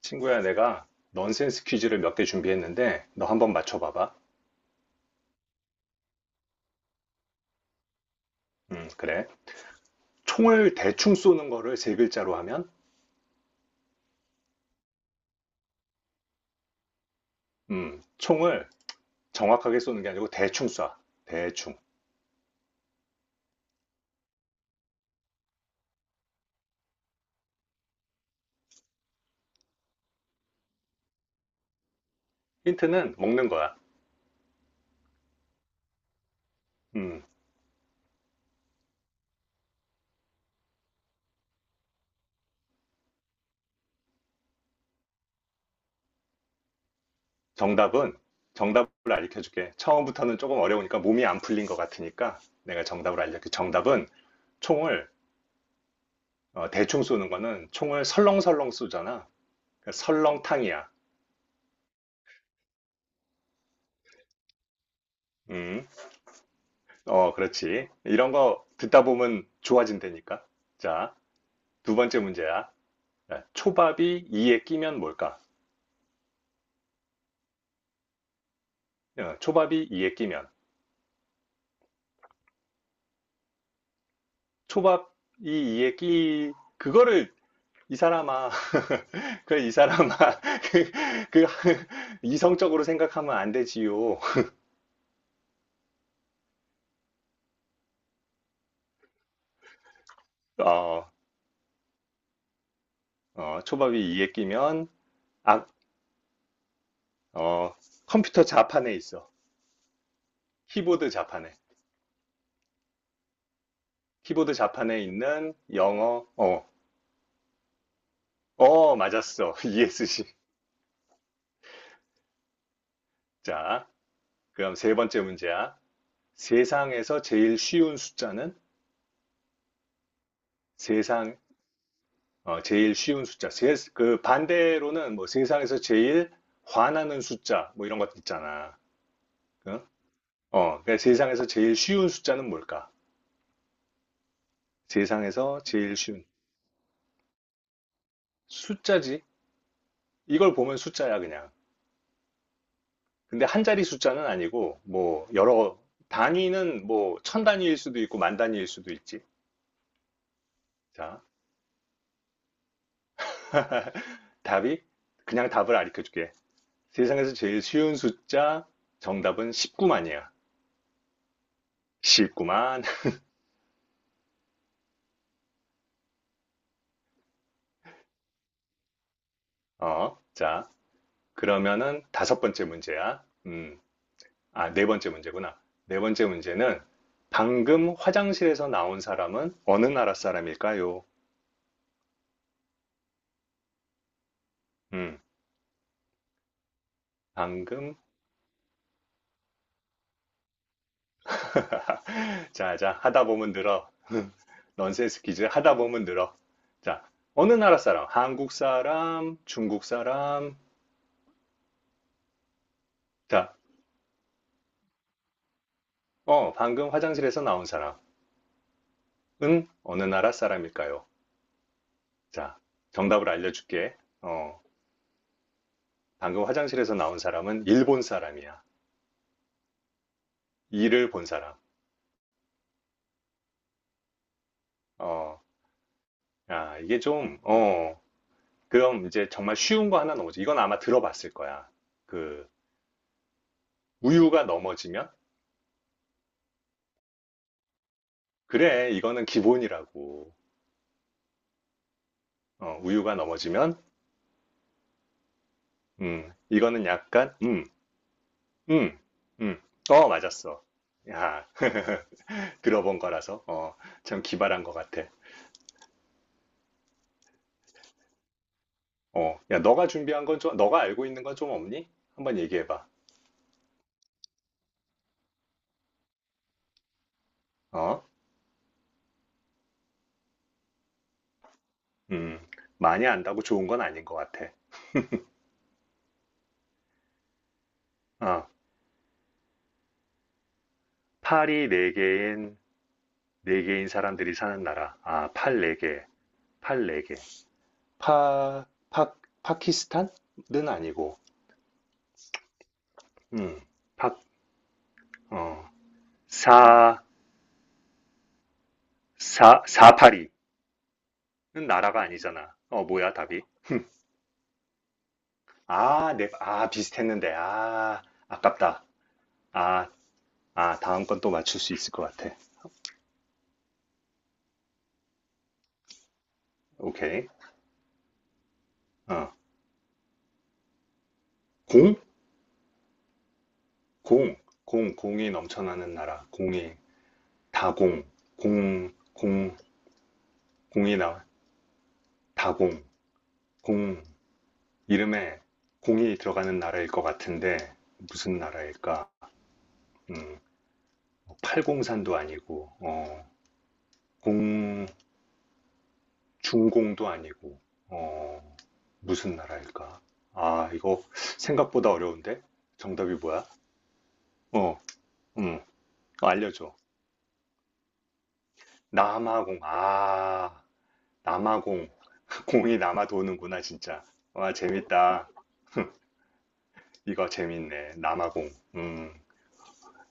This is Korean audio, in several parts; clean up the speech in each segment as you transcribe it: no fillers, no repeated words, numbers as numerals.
친구야, 내가 넌센스 퀴즈를 몇 개 준비했는데 너 한번 맞춰봐봐. 그래. 총을 대충 쏘는 거를 세 글자로 하면? 총을 정확하게 쏘는 게 아니고 대충 쏴. 대충. 힌트는 먹는 거야. 음, 정답은 정답을 알려줄게. 처음부터는 조금 어려우니까 몸이 안 풀린 것 같으니까 내가 정답을 알려줄게. 정답은 총을 대충 쏘는 거는 총을 설렁설렁 쏘잖아. 그러니까 설렁탕이야. 음, 그렇지. 이런 거 듣다 보면 좋아진다니까. 자, 두 번째 문제야. 야, 초밥이 이에 끼면 뭘까? 초밥이 이에 끼면. 초밥이 이에 끼, 그거를 이 사람아, 이 사람아, 그, 그 이성적으로 생각하면 안 되지요. 어, 초밥이 이에 끼면, 아, 어, 컴퓨터 자판에 있어. 키보드 자판에. 키보드 자판에 있는 영어, 맞았어. ESC. 자, 그럼 세 번째 문제야. 세상에서 제일 쉬운 숫자는 세상, 제일 쉬운 숫자. 그 반대로는 뭐 세상에서 제일 화나는 숫자, 뭐 이런 것도 있잖아. 응? 그러니까 세상에서 제일 쉬운 숫자는 뭘까? 세상에서 제일 쉬운 숫자지. 이걸 보면 숫자야, 그냥. 근데 한 자리 숫자는 아니고, 뭐, 여러, 단위는 뭐, 천 단위일 수도 있고, 만 단위일 수도 있지. 자, 답이, 그냥 답을 가르쳐 줄게. 세상에서 제일 쉬운 숫자 정답은 19만이야. 19만. 자, 그러면은 다섯 번째 문제야. 네 번째 문제구나. 네 번째 문제는 방금 화장실에서 나온 사람은 어느 나라 사람일까요? 음, 방금. 자, 자, 하다 보면 늘어. 넌센스 퀴즈 하다 보면 늘어. 자, 어느 나라 사람? 한국 사람, 중국 사람. 자, 방금 화장실에서 나온 사람은 어느 나라 사람일까요? 자, 정답을 알려줄게. 어, 방금 화장실에서 나온 사람은 일본 사람이야. 이를 본 사람. 어, 야, 이게 좀, 그럼 이제 정말 쉬운 거 하나 넘어지. 이건 아마 들어봤을 거야. 그, 우유가 넘어지면? 그래, 이거는 기본이라고. 우유가 넘어지면? 이거는 약간음, 음. 맞았어. 야, 들어본 거라서, 참 기발한 것 같아. 야, 너가 준비한 건 좀, 너가 알고 있는 건 좀 없니? 한번 얘기해봐. 어? 음, 많이 안다고 좋은 건 아닌 것 같아. 어, 팔이 네개인네개인 사람들이 사는 나라. 팔 네개팔 네개 파, 파, 파키스탄은 아니고, 음, 파, 어, 사, 사, 사파리는 나라가 아니잖아. 뭐야, 답이? 네, 비슷했는데. 아깝다. 아, 다음 건 또 맞출 수 있을 것 같아. 오케이. 어, 공? 공, 공이 넘쳐나는 나라. 공이 다공, 공, 공, 공이 나 다공, 공 이름에 공이 들어가는 나라일 것 같은데 무슨 나라일까? 음, 뭐 팔공산도 아니고 공 중공도 아니고 어, 무슨 나라일까? 이거 생각보다 어려운데? 정답이 뭐야? 어, 음, 알려줘. 남아공. 남아공. 공이 남아 도는구나, 진짜. 와, 재밌다. 이거 재밌네. 남아공. 음,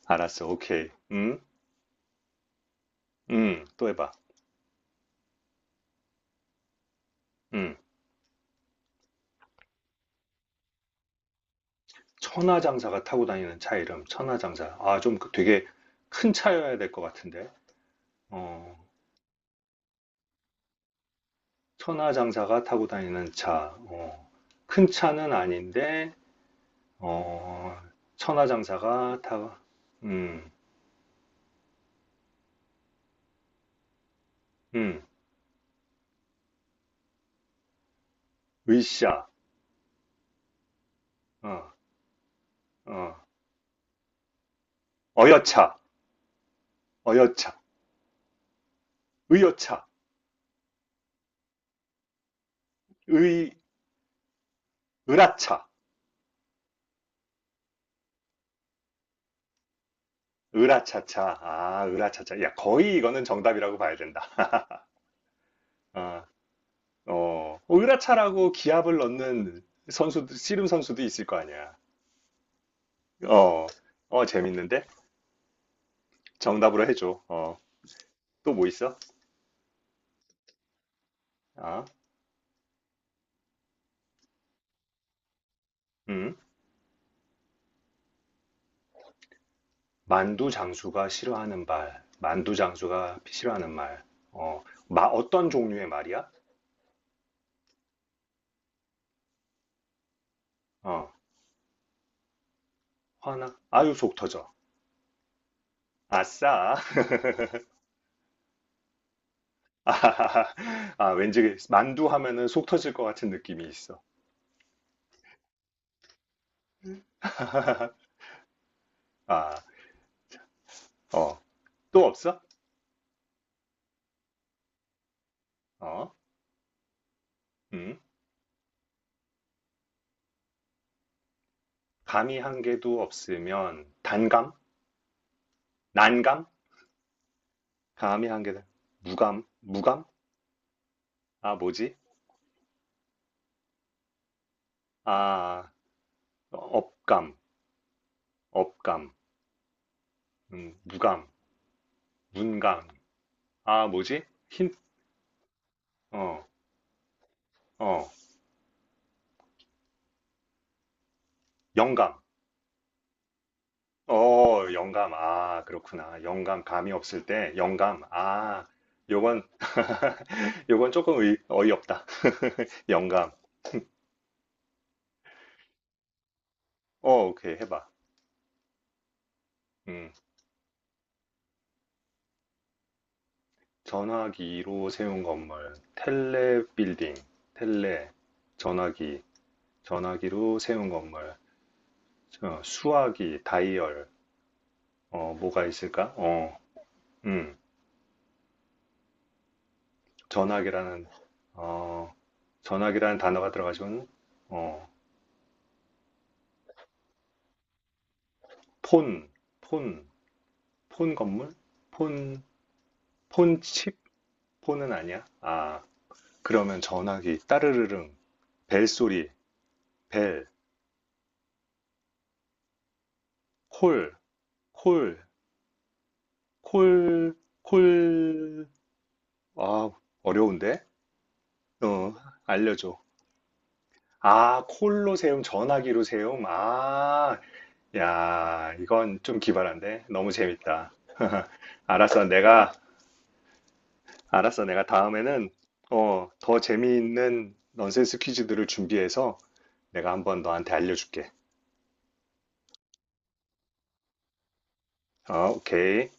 알았어. 오케이. 또 해봐. 음, 천하장사가 타고 다니는 차 이름. 천하장사. 좀그 되게 큰 차여야 될 것 같은데. 어, 천하장사가 타고 다니는 차. 큰 차는 아닌데, 어, 천하장사가 타, 음, 음, 으쌰. 어, 어, 어여차. 어여차. 의여차. 의, 으라차. 으라차차. 으라차차. 야, 거의 이거는 정답이라고 봐야 된다. 아, 으라차라고 기합을 넣는 선수, 씨름 선수도 있을 거 아니야. 어, 재밌는데? 정답으로 해줘. 또 뭐 있어? 아, 음, 만두 장수가 싫어하는 말. 만두 장수가 싫어하는 말. 어떤 종류의 말이야? 어, 화나? 아유, 속 터져. 아싸. 아, 왠지 만두 하면은 속 터질 것 같은 느낌이 있어. 아, 어, 또 없어? 어, 음, 감이 한 개도 없으면 단감? 난감? 감이 한 개, 무감? 무감? 뭐지? 아, 업감, 업감, 무감, 문감. 뭐지? 힌, 어, 어, 영감. 영감. 그렇구나. 영감, 감이 없을 때, 영감. 요건, 요건 조금 어이없다. 영감. 오케이, 해봐. 음, 전화기로 세운 건물. 텔레 빌딩. 텔레. 전화기. 전화기로 세운 건물. 수화기, 다이얼. 뭐가 있을까? 음, 전화기라는, 어, 전화기라는 단어가 들어가지고 어, 폰. 폰. 폰 건물? 폰, 폰 칩? 폰은 아니야? 그러면 전화기, 따르르릉, 벨소리, 벨, 콜, 콜, 콜, 콜. 아, 어려운데? 어, 알려줘. 콜로세움, 전화기로세움. 야, 이건 좀 기발한데? 너무 재밌다. 알았어, 내가 알았어. 내가 다음에는 더 재미있는 넌센스 퀴즈들을 준비해서 내가 한번 너한테 알려줄게. 오케이.